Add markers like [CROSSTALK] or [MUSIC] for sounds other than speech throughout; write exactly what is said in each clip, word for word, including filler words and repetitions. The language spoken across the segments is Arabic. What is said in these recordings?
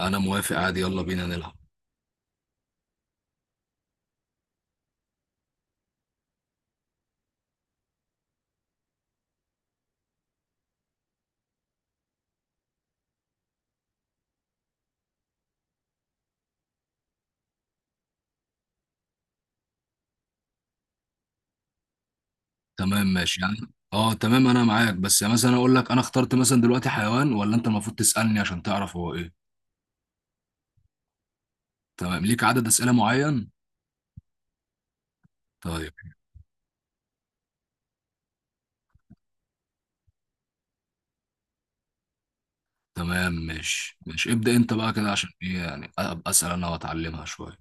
انا موافق عادي، يلا بينا نلعب. تمام ماشي يعني اه تمام انا معاك، بس يعني مثلا اقول لك انا اخترت مثلا دلوقتي حيوان، ولا انت المفروض تسألني عشان تعرف هو ايه؟ تمام، ليك عدد أسئلة معين؟ طيب. تمام ماشي ماشي ابدأ انت بقى كده، عشان ايه يعني ابقى أسأل انا واتعلمها شوية.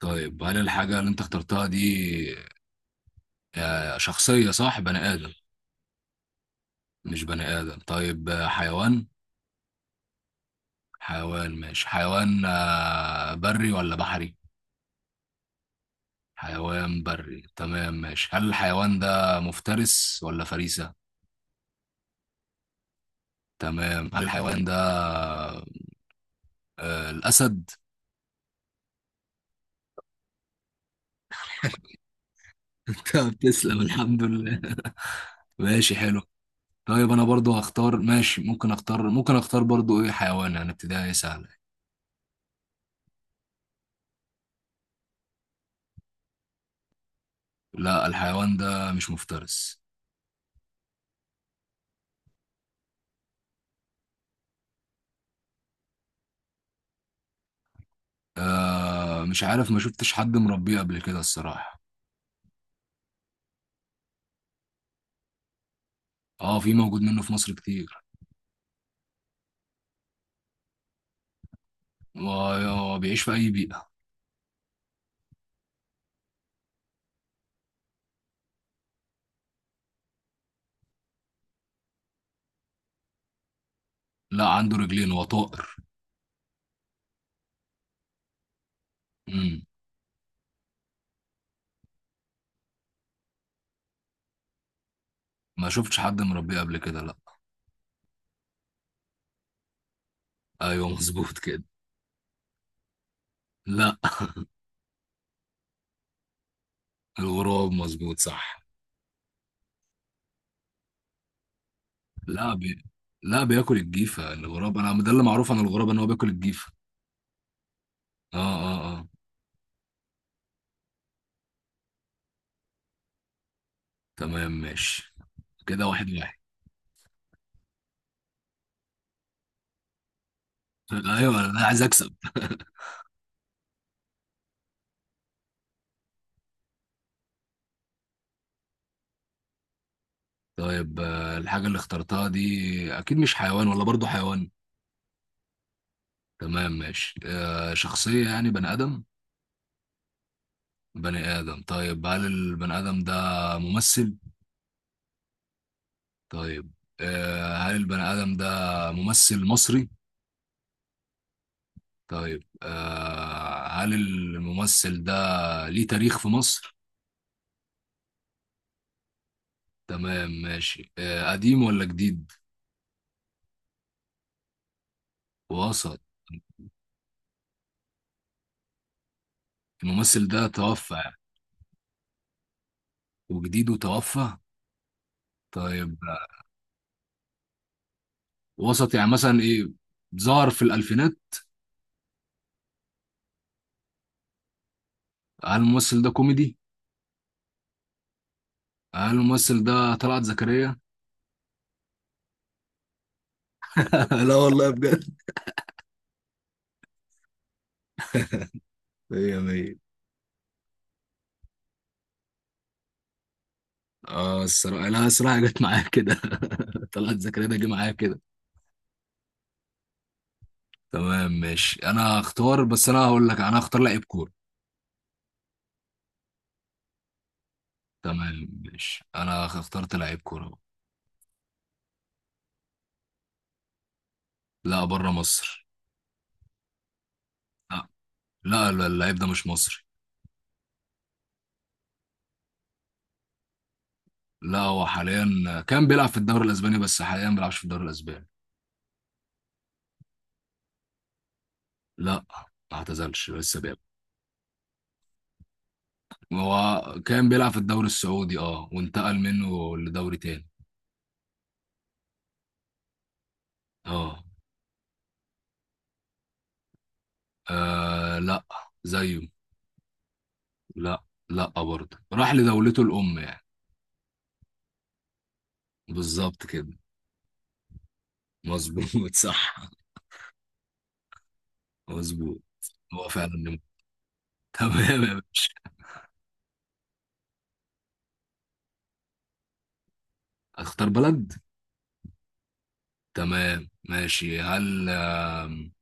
طيب، هل الحاجة اللي انت اخترتها دي آه، شخصية؟ صح، بني آدم؟ مش بني آدم؟ طيب آه، حيوان. حيوان ماشي، حيوان آه، بري ولا بحري؟ حيوان بري، تمام ماشي. هل الحيوان ده مفترس ولا فريسة؟ تمام، هل الحيوان ده آه الأسد؟ [LAUGHS] تمام، تسلم، الحمد لله. [LAUGHS] ماشي، حلو. طيب أنا برضو هختار، ماشي. ممكن أختار، ممكن أختار برضو إيه، حيوان يعني ابتدائي سهلة. لا الحيوان ده مش مفترس. آه مش عارف، ما شفتش حد مربيه قبل كده الصراحة. اه، في موجود منه في مصر كتير. وبيعيش في أي بيئة. لا، عنده رجلين وطائر. امم ما شفتش حد مربيه قبل كده لا. ايوه مظبوط كده. لا. الغراب مظبوط صح. لا بي... لا بياكل الجيفه الغراب، انا ده اللي معروف عن الغراب، ان هو بياكل الجيفه. اه اه اه. تمام ماشي. كده واحد واحد. ايوه انا عايز اكسب. طيب آه، الحاجه اللي اخترتها دي اكيد مش حيوان، ولا برضو حيوان؟ تمام ماشي، آه شخصيه يعني بني ادم؟ بني ادم، طيب هل البني ادم ده ممثل؟ طيب، آه هل البني ادم ده ممثل مصري؟ طيب آه، هل الممثل ده ليه تاريخ في مصر؟ تمام ماشي، آه قديم ولا جديد؟ وسط. الممثل ده توفى يعني، وجديد وتوفى؟ طيب آه، وسط يعني مثلا ايه؟ ظهر في الألفينات. هل الممثل ده كوميدي؟ هل الممثل ده طلعت زكريا؟ [LAUGHS] لا والله بجد. مية مية. اه الصراحة، لا الصراحة جت معايا كده. [LAUGHS] طلعت زكريا ده جه معايا كده. تمام ماشي، انا هختار. بس انا هقول لك، انا هختار لعيب كورة. تمام ماشي، انا اخترت لعيب كوره أهو. لا بره مصر. لا لا لا، اللعيب ده مش مصري. لا هو حاليا كان بيلعب في الدوري الاسباني، بس حاليا ما بيلعبش في الدوري الاسباني. لا، ما اعتزلش لسه بيلعب. هو كان بيلعب في الدوري السعودي، اه وانتقل منه لدوري تاني. اه. آه، لا. زيه. لا، لا برضه راح لدولته الام يعني. بالظبط كده. مظبوط [LAUGHS] صح مظبوط. هو فعلا نمر. تمام يا باشا. اختار بلد. تمام ماشي، هل آم،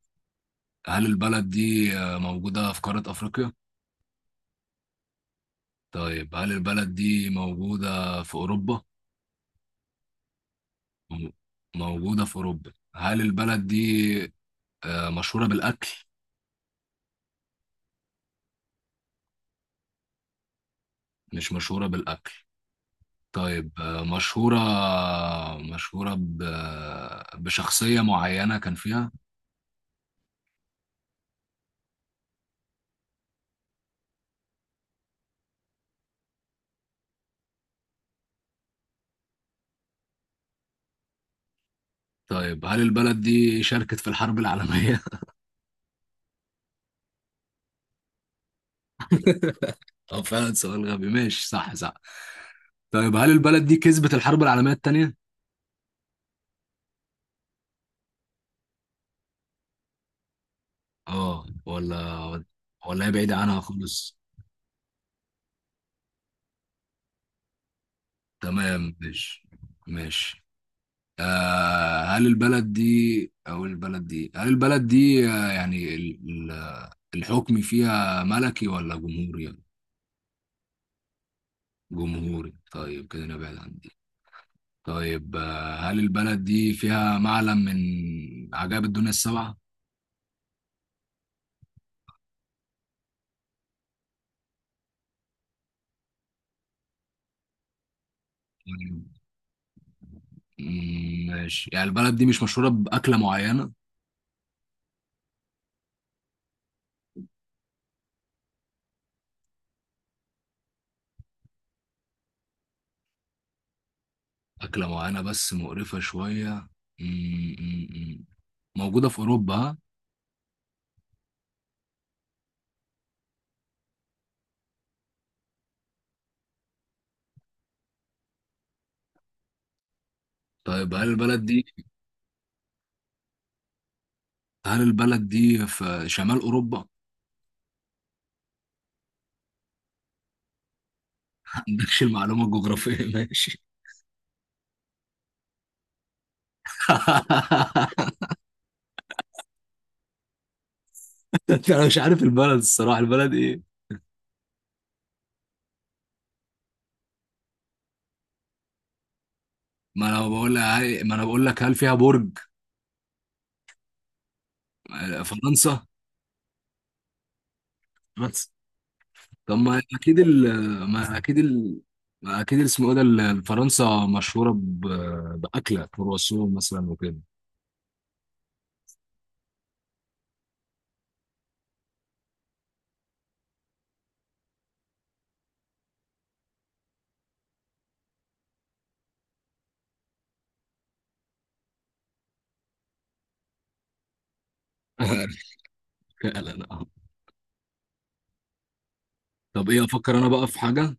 هل البلد دي آه، موجودة في قارة أفريقيا؟ طيب، هل البلد دي موجودة في أوروبا؟ مو- موجودة في أوروبا. هل البلد دي آه، مشهورة بالأكل؟ مش مشهورة بالأكل. طيب آه، مشهورة، مشهورة ب... بشخصية معينة كان فيها؟ طيب هل البلد دي شاركت في الحرب العالمية؟ [LAUGHS] أو فعلا سؤال غبي، ماشي صح صح. طيب هل البلد دي كسبت الحرب العالمية التانية؟ اه ولا ولا هي بعيدة عنها خالص؟ تمام ماشي، ماشي. آه هل البلد دي او البلد دي هل البلد دي آه يعني ال- ال- الحكم فيها ملكي ولا جمهوري؟ جمهوري، طيب كده نبعد عن دي. طيب آه هل البلد دي فيها معلم من عجائب الدنيا السبعة؟ طيب، مم، ماشي، يعني البلد دي مش مشهورة بأكلة معينة. أكلة معينة بس مقرفة شوية. مم، مم، مم. موجودة في أوروبا، ها؟ طيب هل البلد دي هل البلد دي في شمال أوروبا؟ [LAUGHS] ما عندكش المعلومة الجغرافية ماشي. [LAUGHS] أنت- أنا مش عارف البلد الصراحة، البلد إيه؟ ما أنا بقول لك ما أنا بقول لك، هل فيها برج؟ فرنسا؟ بس. طب ما أكيد ال ما أكيد ال ما أكيد اسمه إيه ده ال- فرنسا مشهورة ب- بأكلة كرواسون مثلا وكده. [LAUGHS] فعلا آه. طب ايه، افكر انا بقى في حاجة.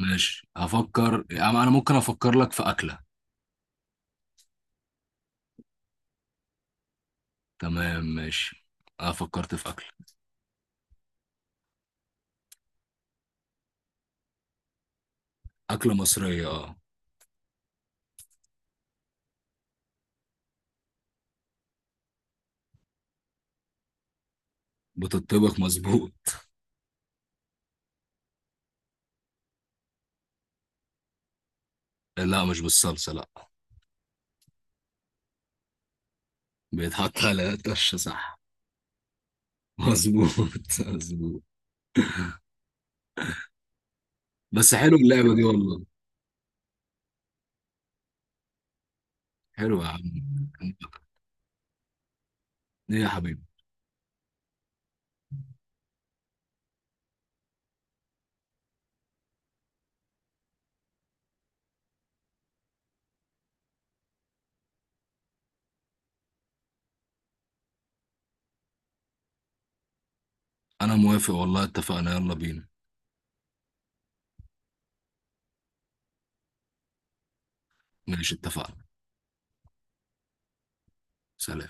ماشي افكر انا، أنا ممكن افكر لك في اكلة. تمام ماشي، انا فكرت في اكلة. اكلة مصرية اه. بتطبخ مظبوط. [LAUGHS] لا مش بالصلصة لا. بيتحط على الطشة صح. مظبوط [LAUGHS] مظبوط. بس حلو اللعبة دي والله. حلو يا عم. ايه يا حبيبي. انا موافق والله، اتفقنا يلا بينا. ماشي اتفقنا. سلام.